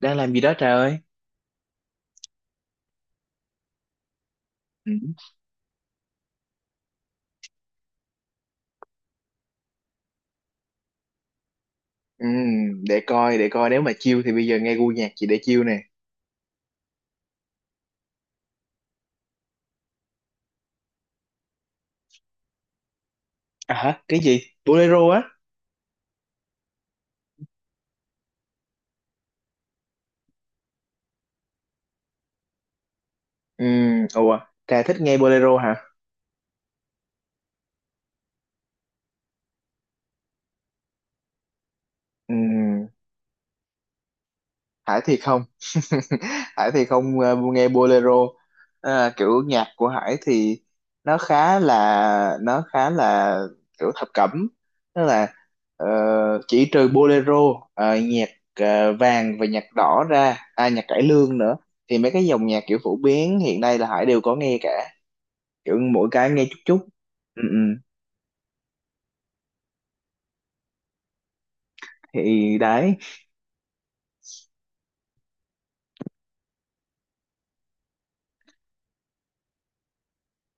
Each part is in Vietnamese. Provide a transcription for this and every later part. Đang làm gì đó trời ơi. Ừ. Ừ. Để coi nếu mà chill thì bây giờ nghe gu nhạc chị để chill nè. À hả, cái gì bolero á? Ừ. Ủa, trà thích nghe bolero hả? Ừ. Phải thiệt không? Hải thì không nghe bolero. À, kiểu nhạc của Hải thì nó khá là kiểu thập cẩm. Tức là ờ, chỉ trừ bolero, nhạc vàng và nhạc đỏ ra, à, nhạc cải lương nữa. Thì mấy cái dòng nhạc kiểu phổ biến hiện nay là Hải đều có nghe cả, kiểu mỗi cái nghe chút chút. Ừ, ừ. Thì đấy.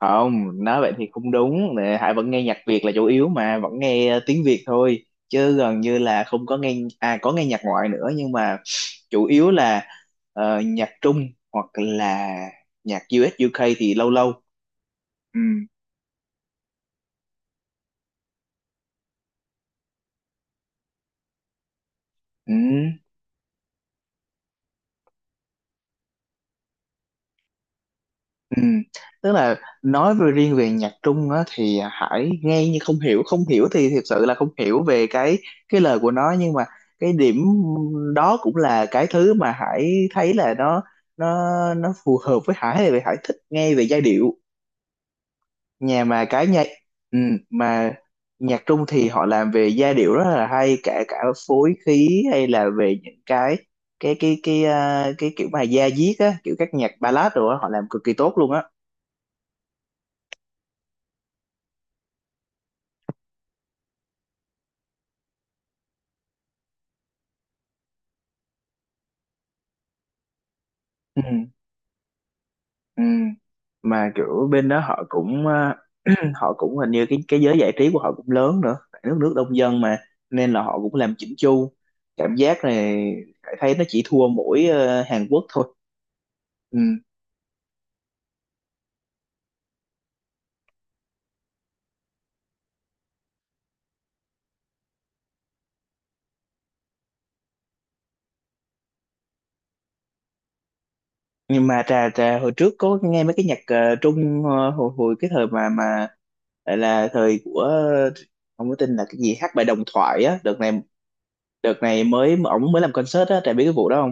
Không, nói vậy thì không đúng. Nè, Hải vẫn nghe nhạc Việt là chủ yếu mà, vẫn nghe tiếng Việt thôi chứ gần như là không có nghe, à, có nghe nhạc ngoại nữa nhưng mà chủ yếu là nhạc Trung hoặc là nhạc US UK thì lâu lâu. Ừ. Ừ. Ừ. Tức là nói về riêng về nhạc Trung á, thì Hải nghe như không hiểu, thì thực sự là không hiểu về cái lời của nó nhưng mà cái điểm đó cũng là cái thứ mà Hải thấy là nó nó phù hợp với Hải vì Hải thích nghe về giai điệu. Nhà mà cái nhạc, ừ, mà nhạc Trung thì họ làm về giai điệu rất là hay, cả cả phối khí hay là về những cái cái kiểu mà da diết á, kiểu các nhạc ballad rồi á, họ làm cực kỳ tốt luôn á. Ừ. Ừ. Mà kiểu bên đó họ cũng họ cũng hình như cái giới giải trí của họ cũng lớn nữa, tại nước nước đông dân mà, nên là họ cũng làm chỉnh chu, cảm giác này Hải thấy nó chỉ thua mỗi Hàn Quốc thôi. Ừ. Nhưng mà trà trà hồi trước có nghe mấy cái nhạc Trung, hồi hồi cái thời mà lại là thời của không có tin là cái gì hát bài Đồng Thoại á, đợt này mới ổng mới làm concert á, Trà biết cái vụ đó.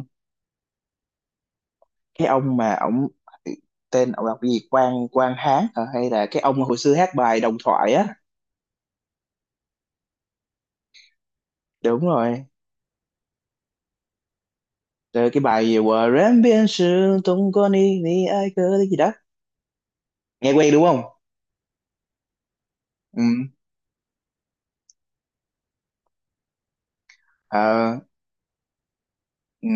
Cái ông mà ổng, tên ổng đọc cái gì Quang Quang Hán hả? Hay là cái ông hồi xưa hát bài Đồng Thoại á? Đúng rồi. Rồi cái bài gì Quả rèm biên sự tung con đi ni ai cơ cái gì đó. Nghe quen đúng không? Ừ. Ờ. Ừ.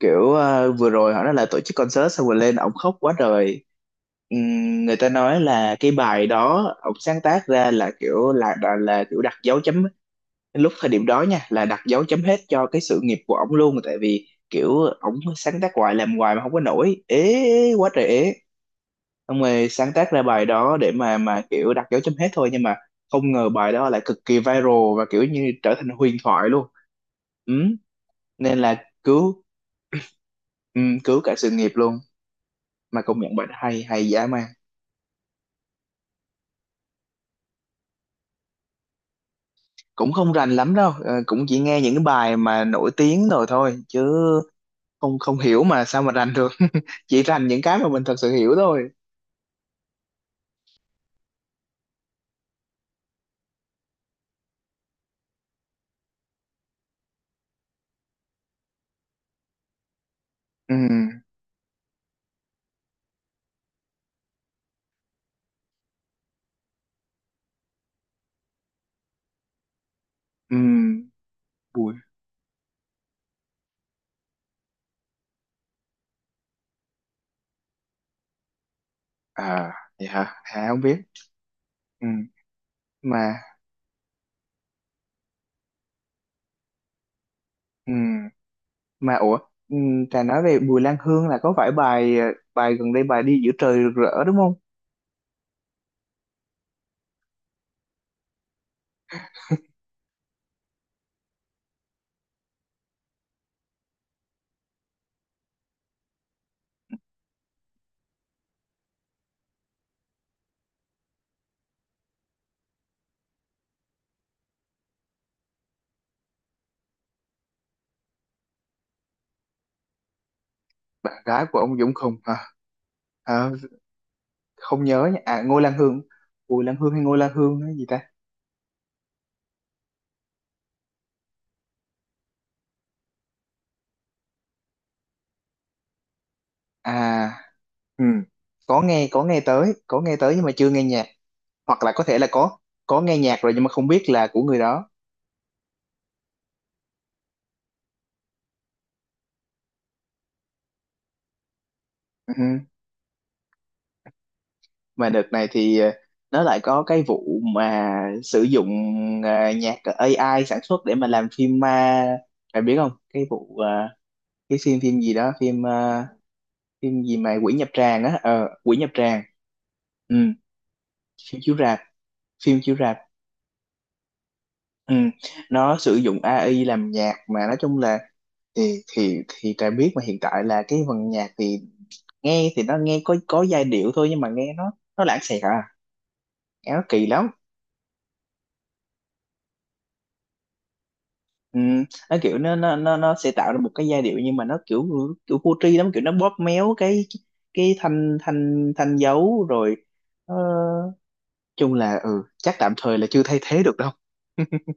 Kiểu vừa rồi họ nói là tổ chức concert xong rồi lên ổng khóc quá trời. Ừ. Người ta nói là cái bài đó ổng sáng tác ra là kiểu là kiểu đặt dấu chấm, lúc thời điểm đó nha, là đặt dấu chấm hết cho cái sự nghiệp của ổng luôn, tại vì kiểu ổng sáng tác hoài làm hoài mà không có nổi, ế quá trời ế. Xong rồi sáng tác ra bài đó để mà kiểu đặt dấu chấm hết thôi, nhưng mà không ngờ bài đó lại cực kỳ viral và kiểu như trở thành huyền thoại luôn. Ừ, nên là cứu, ừ, cứu cả sự nghiệp luôn. Mà công nhận bài đó hay, hay dã man. Cũng không rành lắm đâu, cũng chỉ nghe những cái bài mà nổi tiếng rồi thôi chứ không không hiểu mà sao mà rành được chỉ rành những cái mà mình thật sự hiểu thôi. Ừ. Ừ. Bùi. À, vậy hả? Hà không biết. Ừ. Mà ừ, mà ủa, ừ, Trà nói về Bùi Lan Hương là có phải bài bài gần đây, bài Đi Giữa Trời Rực Rỡ đúng không? Bạn gái của ông Dũng Khùng hả? À, không nhớ nha, à, Ngô Lan Hương. Bùi Lan Hương hay Ngô Lan Hương hay gì ta? À. Ừ. Có nghe tới nhưng mà chưa nghe nhạc, hoặc là có thể là có nghe nhạc rồi nhưng mà không biết là của người đó. Ừ. Mà đợt này thì nó lại có cái vụ mà sử dụng nhạc AI sản xuất để mà làm phim ma. Bạn biết không, cái vụ cái phim phim gì đó, phim phim gì mà Quỷ Nhập Tràng á, Quỷ Nhập Tràng. Ừ. Phim chiếu rạp, phim chiếu rạp. Ừ. Nó sử dụng AI làm nhạc, mà nói chung là thì ta biết mà, hiện tại là cái phần nhạc thì nghe thì nó nghe có giai điệu thôi nhưng mà nghe nó lãng xẹt à, nghe nó kỳ lắm. Ừ, nó kiểu nó sẽ tạo ra một cái giai điệu nhưng mà nó kiểu kiểu vô tri lắm, kiểu nó bóp méo cái thanh thanh thanh dấu rồi ờ, chung là, ừ, chắc tạm thời là chưa thay thế được đâu.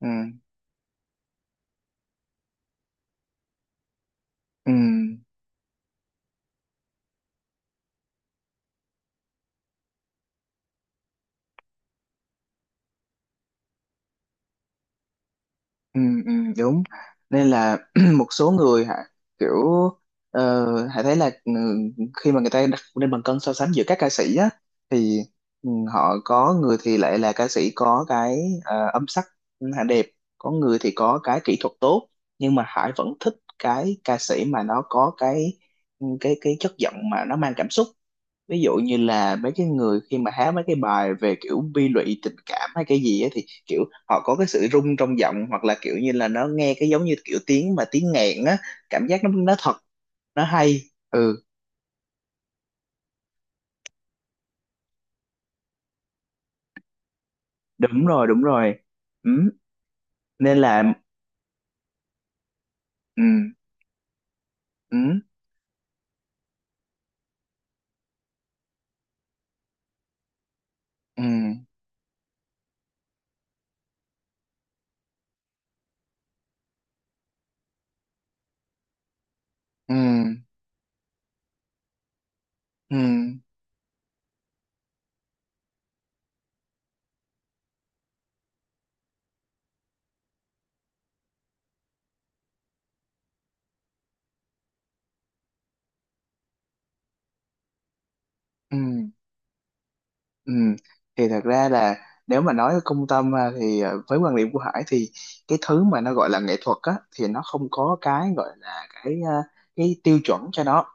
Ừ, ừ. Ừ, ừ, đúng. Nên là một số người hả, kiểu hãy thấy là, ừ, khi mà người ta đặt lên bàn cân so sánh giữa các ca sĩ á, thì ừ, họ có người thì lại là ca sĩ có cái âm sắc, ừ, hả, đẹp, có người thì có cái kỹ thuật tốt, nhưng mà Hải vẫn thích cái ca sĩ mà nó có cái, ừ, cái chất giọng mà nó mang cảm xúc. Ví dụ như là mấy cái người khi mà hát mấy cái bài về kiểu bi lụy tình cảm hay cái gì á thì kiểu họ có cái sự rung trong giọng hoặc là kiểu như là nó nghe cái giống như kiểu tiếng mà tiếng nghẹn á, cảm giác nó thật, nó hay. Ừ. Đúng rồi, đúng rồi. Ừ. Nên là ừ, ừ, ừ, ừ, ừ, ừ. Ừ. Thì thật ra là nếu mà nói công tâm, à, thì với quan điểm của Hải thì cái thứ mà nó gọi là nghệ thuật á thì nó không có cái gọi là cái, cái tiêu chuẩn cho nó.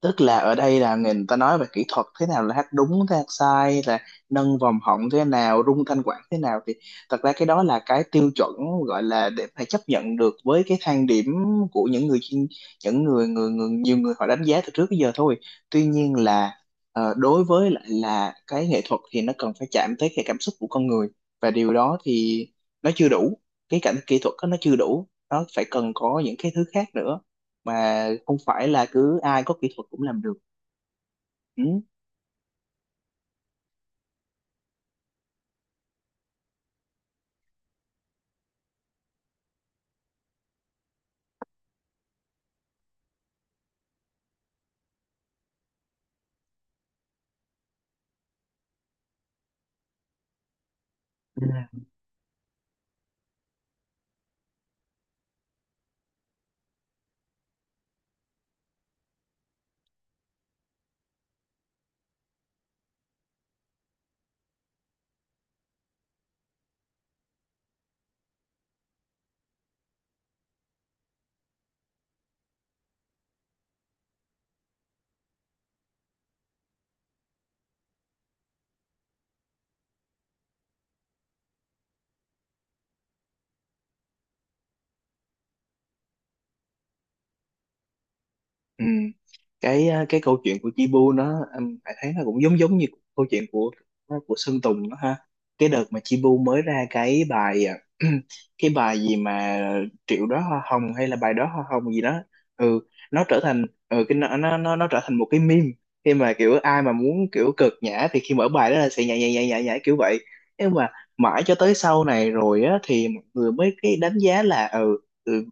Tức là ở đây là người ta nói về kỹ thuật thế nào là hát đúng thế hát sai, là nâng vòng họng thế nào, rung thanh quản thế nào, thì thật ra cái đó là cái tiêu chuẩn, gọi là để phải chấp nhận được với cái thang điểm của những người chuyên, những người người người nhiều người họ đánh giá từ trước tới giờ thôi. Tuy nhiên là đối với lại là cái nghệ thuật thì nó cần phải chạm tới cái cảm xúc của con người, và điều đó thì nó chưa đủ, cái cảnh kỹ thuật đó nó chưa đủ, nó phải cần có những cái thứ khác nữa mà không phải là cứ ai có kỹ thuật cũng làm được. Ừ. Ừ. Ừ. Cái câu chuyện của Chi Bu, nó em phải thấy nó cũng giống giống như câu chuyện của Sơn Tùng đó ha. Cái đợt mà Chi Bu mới ra cái bài cái bài gì mà triệu đó hoa hồng hay là bài đó hoa hồng gì đó. Ừ, nó trở thành, ừ, cái nó trở thành một cái meme, khi mà kiểu ai mà muốn kiểu cực nhã thì khi mở bài đó là sẽ nhảy nhảy nhảy nhảy nhảy kiểu vậy. Nhưng mà mãi cho tới sau này rồi á thì mọi người mới cái đánh giá là, ừ, ừ,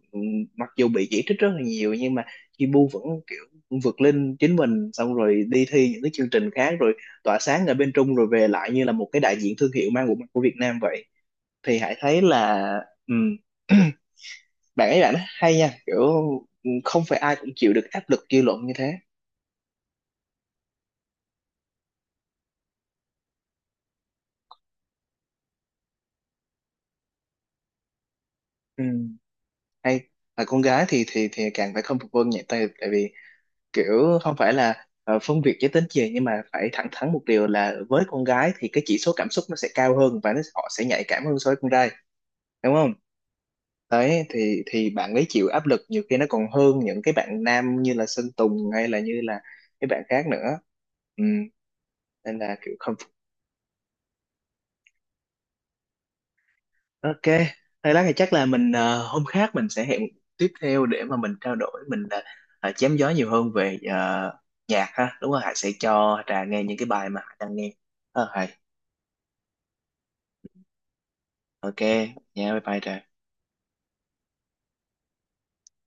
mặc dù bị chỉ trích rất là nhiều nhưng mà Chi bu vẫn kiểu vượt lên chính mình, xong rồi đi thi những cái chương trình khác, rồi tỏa sáng ở bên Trung, rồi về lại như là một cái đại diện thương hiệu mang bộ mặt của Việt Nam vậy, thì Hải thấy là ừm, bạn ấy hay nha, kiểu không phải ai cũng chịu được áp lực dư luận như thế. Ừm, hay. Là con gái thì càng phải không phục vân nhẹ tay, tại vì kiểu không phải là phân biệt giới tính gì nhưng mà phải thẳng thắn một điều là với con gái thì cái chỉ số cảm xúc nó sẽ cao hơn và nó họ sẽ nhạy cảm hơn so với con trai, đúng không? Đấy thì bạn ấy chịu áp lực nhiều khi nó còn hơn những cái bạn nam như là Sơn Tùng hay là cái bạn khác nữa, ừ, nên là kiểu không phục. OK, thôi lát thì chắc là mình hôm khác mình sẽ hẹn tiếp theo để mà mình trao đổi, mình chém gió nhiều hơn về nhạc ha, đúng không? Hải sẽ cho Trà nghe những cái bài mà Hải đang nghe. Ờ, Hải. OK. Nha, bye bye Trà.